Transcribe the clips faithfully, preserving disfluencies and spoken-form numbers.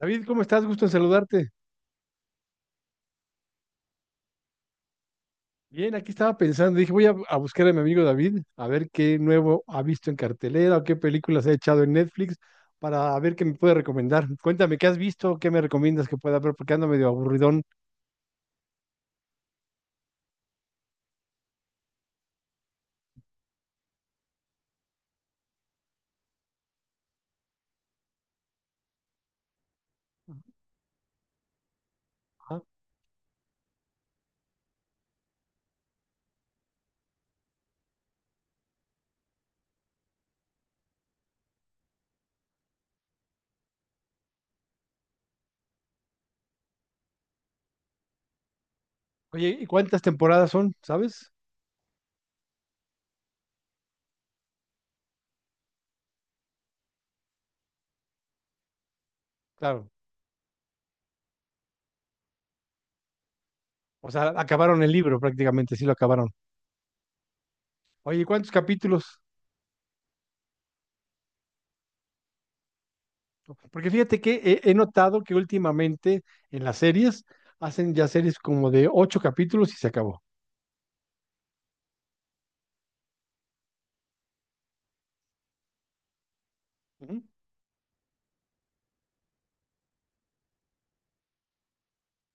David, ¿cómo estás? Gusto en saludarte. Bien, aquí estaba pensando, dije, voy a, a buscar a mi amigo David, a ver qué nuevo ha visto en cartelera o qué películas ha echado en Netflix para ver qué me puede recomendar. Cuéntame, ¿qué has visto? ¿Qué me recomiendas que pueda ver? Porque ando medio aburridón. Ajá. Oye, ¿y cuántas temporadas son? ¿Sabes? Claro. O sea, acabaron el libro prácticamente, sí lo acabaron. Oye, ¿cuántos capítulos? Porque fíjate que he, he notado que últimamente en las series hacen ya series como de ocho capítulos y se acabó. Ujú.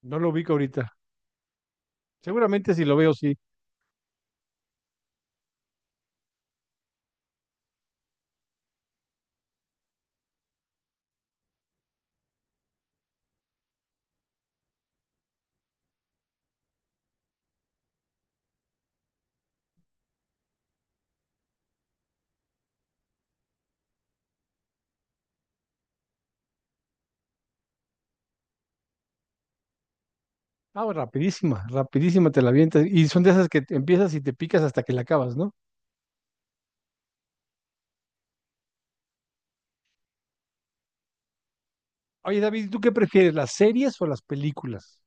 No lo ubico ahorita. Seguramente si lo veo, sí. Ah, rapidísima, rapidísima te la avientas. Y son de esas que te empiezas y te picas hasta que la acabas, ¿no? Oye, David, ¿tú qué prefieres, las series o las películas?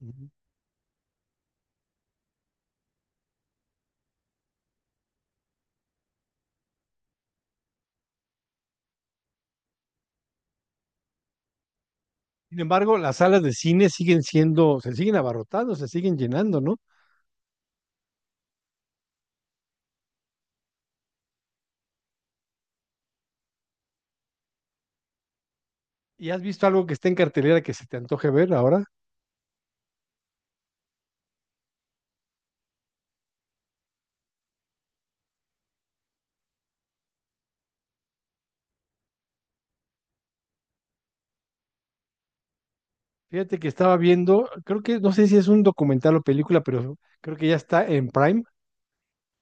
Ujú. Sin embargo, las salas de cine siguen siendo, se siguen abarrotando, se siguen llenando, ¿no? ¿Y has visto algo que está en cartelera que se te antoje ver ahora? Fíjate que estaba viendo, creo que, no sé si es un documental o película, pero creo que ya está en Prime.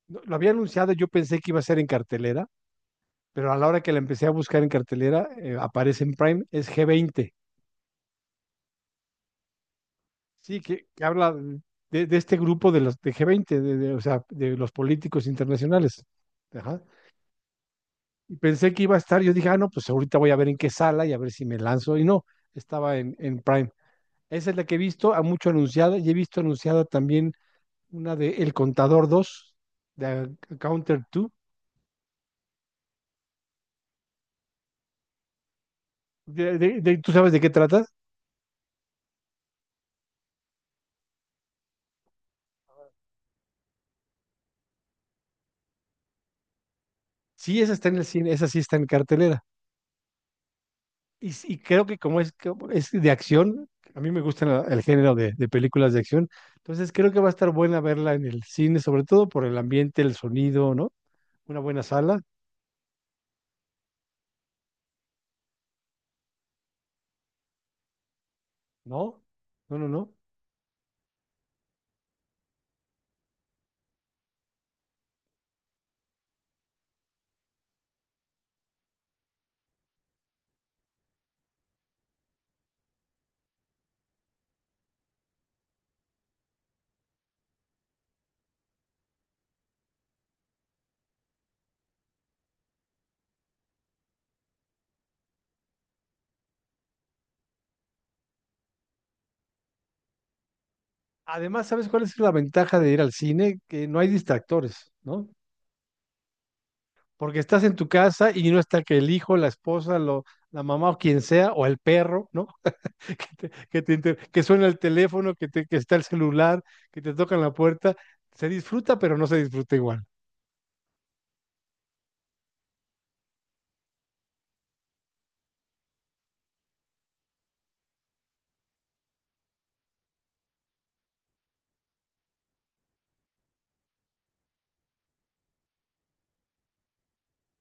No, lo había anunciado, yo pensé que iba a ser en cartelera, pero a la hora que la empecé a buscar en cartelera, eh, aparece en Prime, es g veinte. Sí, que, que habla de, de este grupo de los de G veinte, de, de, o sea, de los políticos internacionales. Ajá. Y pensé que iba a estar, yo dije, ah, no, pues ahorita voy a ver en qué sala y a ver si me lanzo. Y no, estaba en, en Prime. Esa es la que he visto, a mucho anunciada, y he visto anunciada también una de El Contador dos de Counter dos. De, de- de- ¿tú sabes de qué trata? Sí, esa está en el cine, esa sí está en cartelera. Y, s- y creo que como es, como es de acción, a mí me gusta la- el género de, de películas de acción, entonces creo que va a estar buena verla en el cine, sobre todo por el ambiente, el sonido, ¿no? Una buena sala, ¿no? No, no, no. Además, ¿sabes cuál es la ventaja de ir al cine? Que no hay distractores, ¿no? Porque estás en tu casa y no está que el hijo, la esposa, lo, la mamá o quien sea, o el perro, ¿no? Que, te- que, te inter- que suena el teléfono, que, te, que está el celular, que te tocan la puerta. Se disfruta, pero no se disfruta igual.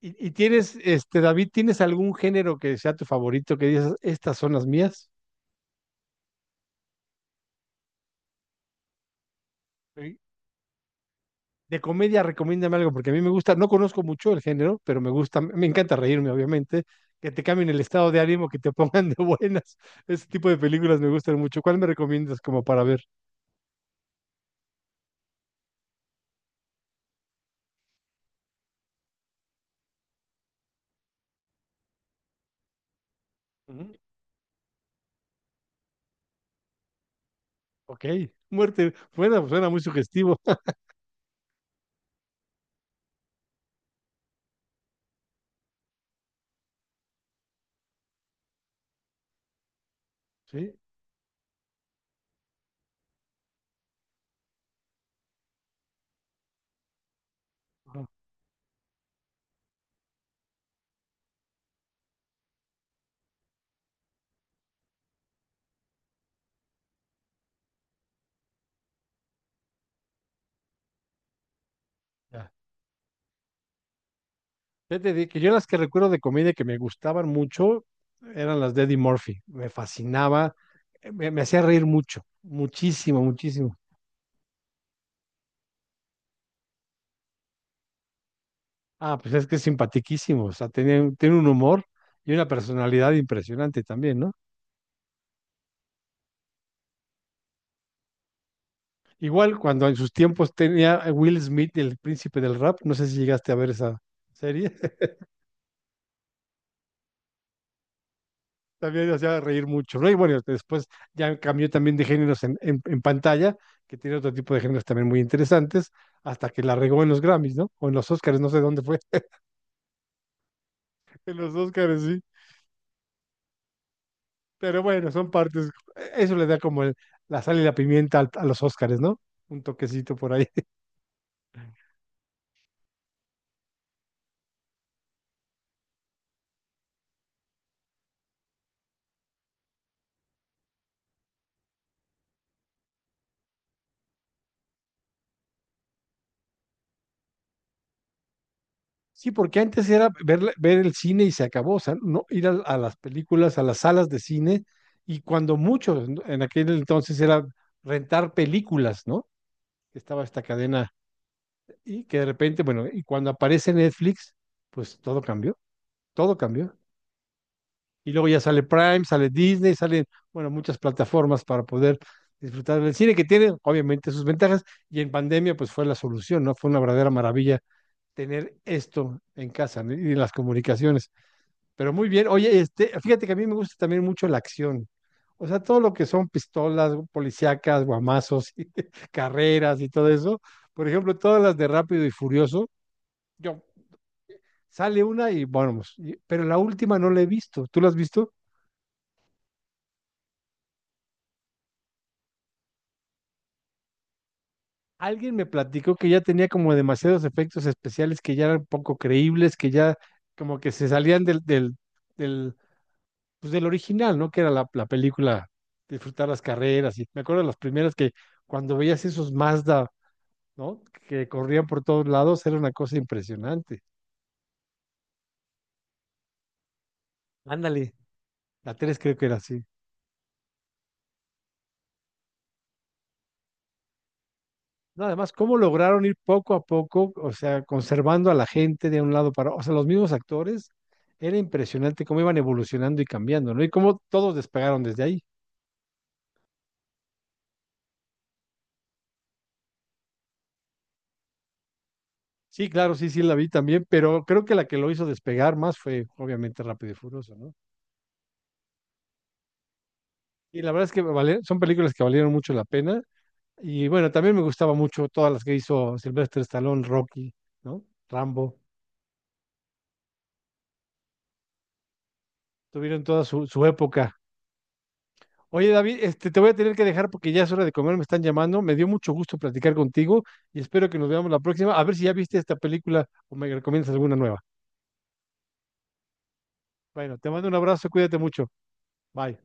¿Y, y tienes, este, David, tienes algún género que sea tu favorito, que digas, estas son las mías? Sí. De comedia, recomiéndame algo, porque a mí me gusta, no conozco mucho el género, pero me gusta, me encanta reírme, obviamente, que te cambien el estado de ánimo, que te pongan de buenas. Ese tipo de películas me gustan mucho. ¿Cuál me recomiendas como para ver? Ujú. Ok, muerte, bueno, pues suena muy sugestivo. Sí. Ajá. Ya. Ya te dije que yo las que recuerdo de comedia que me gustaban mucho eran las de Eddie Murphy. Me fascinaba, me, me hacía reír mucho, muchísimo, muchísimo. Ah, pues es que es simpaticísimo, o sea, tiene, tiene un humor y una personalidad impresionante también, ¿no? Igual cuando en sus tiempos tenía a Will Smith, el príncipe del rap, no sé si llegaste a ver esa serie, también hacía reír mucho, ¿no? Y bueno, después ya cambió también de géneros en, en, en pantalla, que tiene otro tipo de géneros también muy interesantes, hasta que la regó en los Grammys, ¿no? O en los Oscars, no sé dónde fue, en los Oscars, sí. Pero bueno, son partes. e-, Eso le da como el- la sal y la pimienta al- a, los Óscares, ¿no? Un toquecito por ahí. Sí, porque antes era ver, la- ver el cine y se acabó, o sea, no ir a, a las películas, a las salas de cine, y cuando mucho, en en aquel entonces era rentar películas, ¿no? Estaba esta cadena, y que de repente, bueno, y cuando aparece Netflix, pues todo cambió, todo cambió. Y luego ya sale Prime, sale Disney, salen, bueno, muchas plataformas para poder disfrutar del cine que tiene, obviamente, sus ventajas. Y en pandemia, pues fue la solución, ¿no? Fue una verdadera maravilla tener esto en casa, ¿no?, y en las comunicaciones. Pero muy bien, oye, este, fíjate que a mí me gusta también mucho la acción. O sea, todo lo que son pistolas, policíacas, guamazos, y carreras y todo eso. Por ejemplo, todas las de Rápido y Furioso, yo sale una y bueno, pero la última no la he visto. ¿Tú la has visto? Alguien me platicó que ya tenía como demasiados efectos especiales que ya eran poco creíbles, que ya como que se salían del, del, del, pues del original, ¿no? Que era la, la película, disfrutar las carreras. Y me acuerdo de las primeras que cuando veías esos Mazda, ¿no? Que corrían por todos lados, era una cosa impresionante. Ándale. La tres creo que era así. No, además, ¿cómo lograron ir poco a poco, o sea, conservando a la gente de un lado para otro? ¿O sea, los mismos actores? Era impresionante cómo iban evolucionando y cambiando, ¿no? Y cómo todos despegaron desde ahí. Sí, claro, sí, sí, la vi también, pero creo que la que lo hizo despegar más fue, obviamente, Rápido y Furioso, ¿no? Y la verdad es que vale- son películas que valieron mucho la pena. Y bueno, también me gustaba mucho todas las que hizo Sylvester Stallone, Rocky, ¿no? Rambo. Tuvieron toda su, su época. Oye, David, este, te voy a tener que dejar porque ya es hora de comer, me están llamando. Me dio mucho gusto platicar contigo y espero que nos veamos la próxima. A ver si ya viste esta película o me recomiendas alguna nueva. Bueno, te mando un abrazo, cuídate mucho. Bye.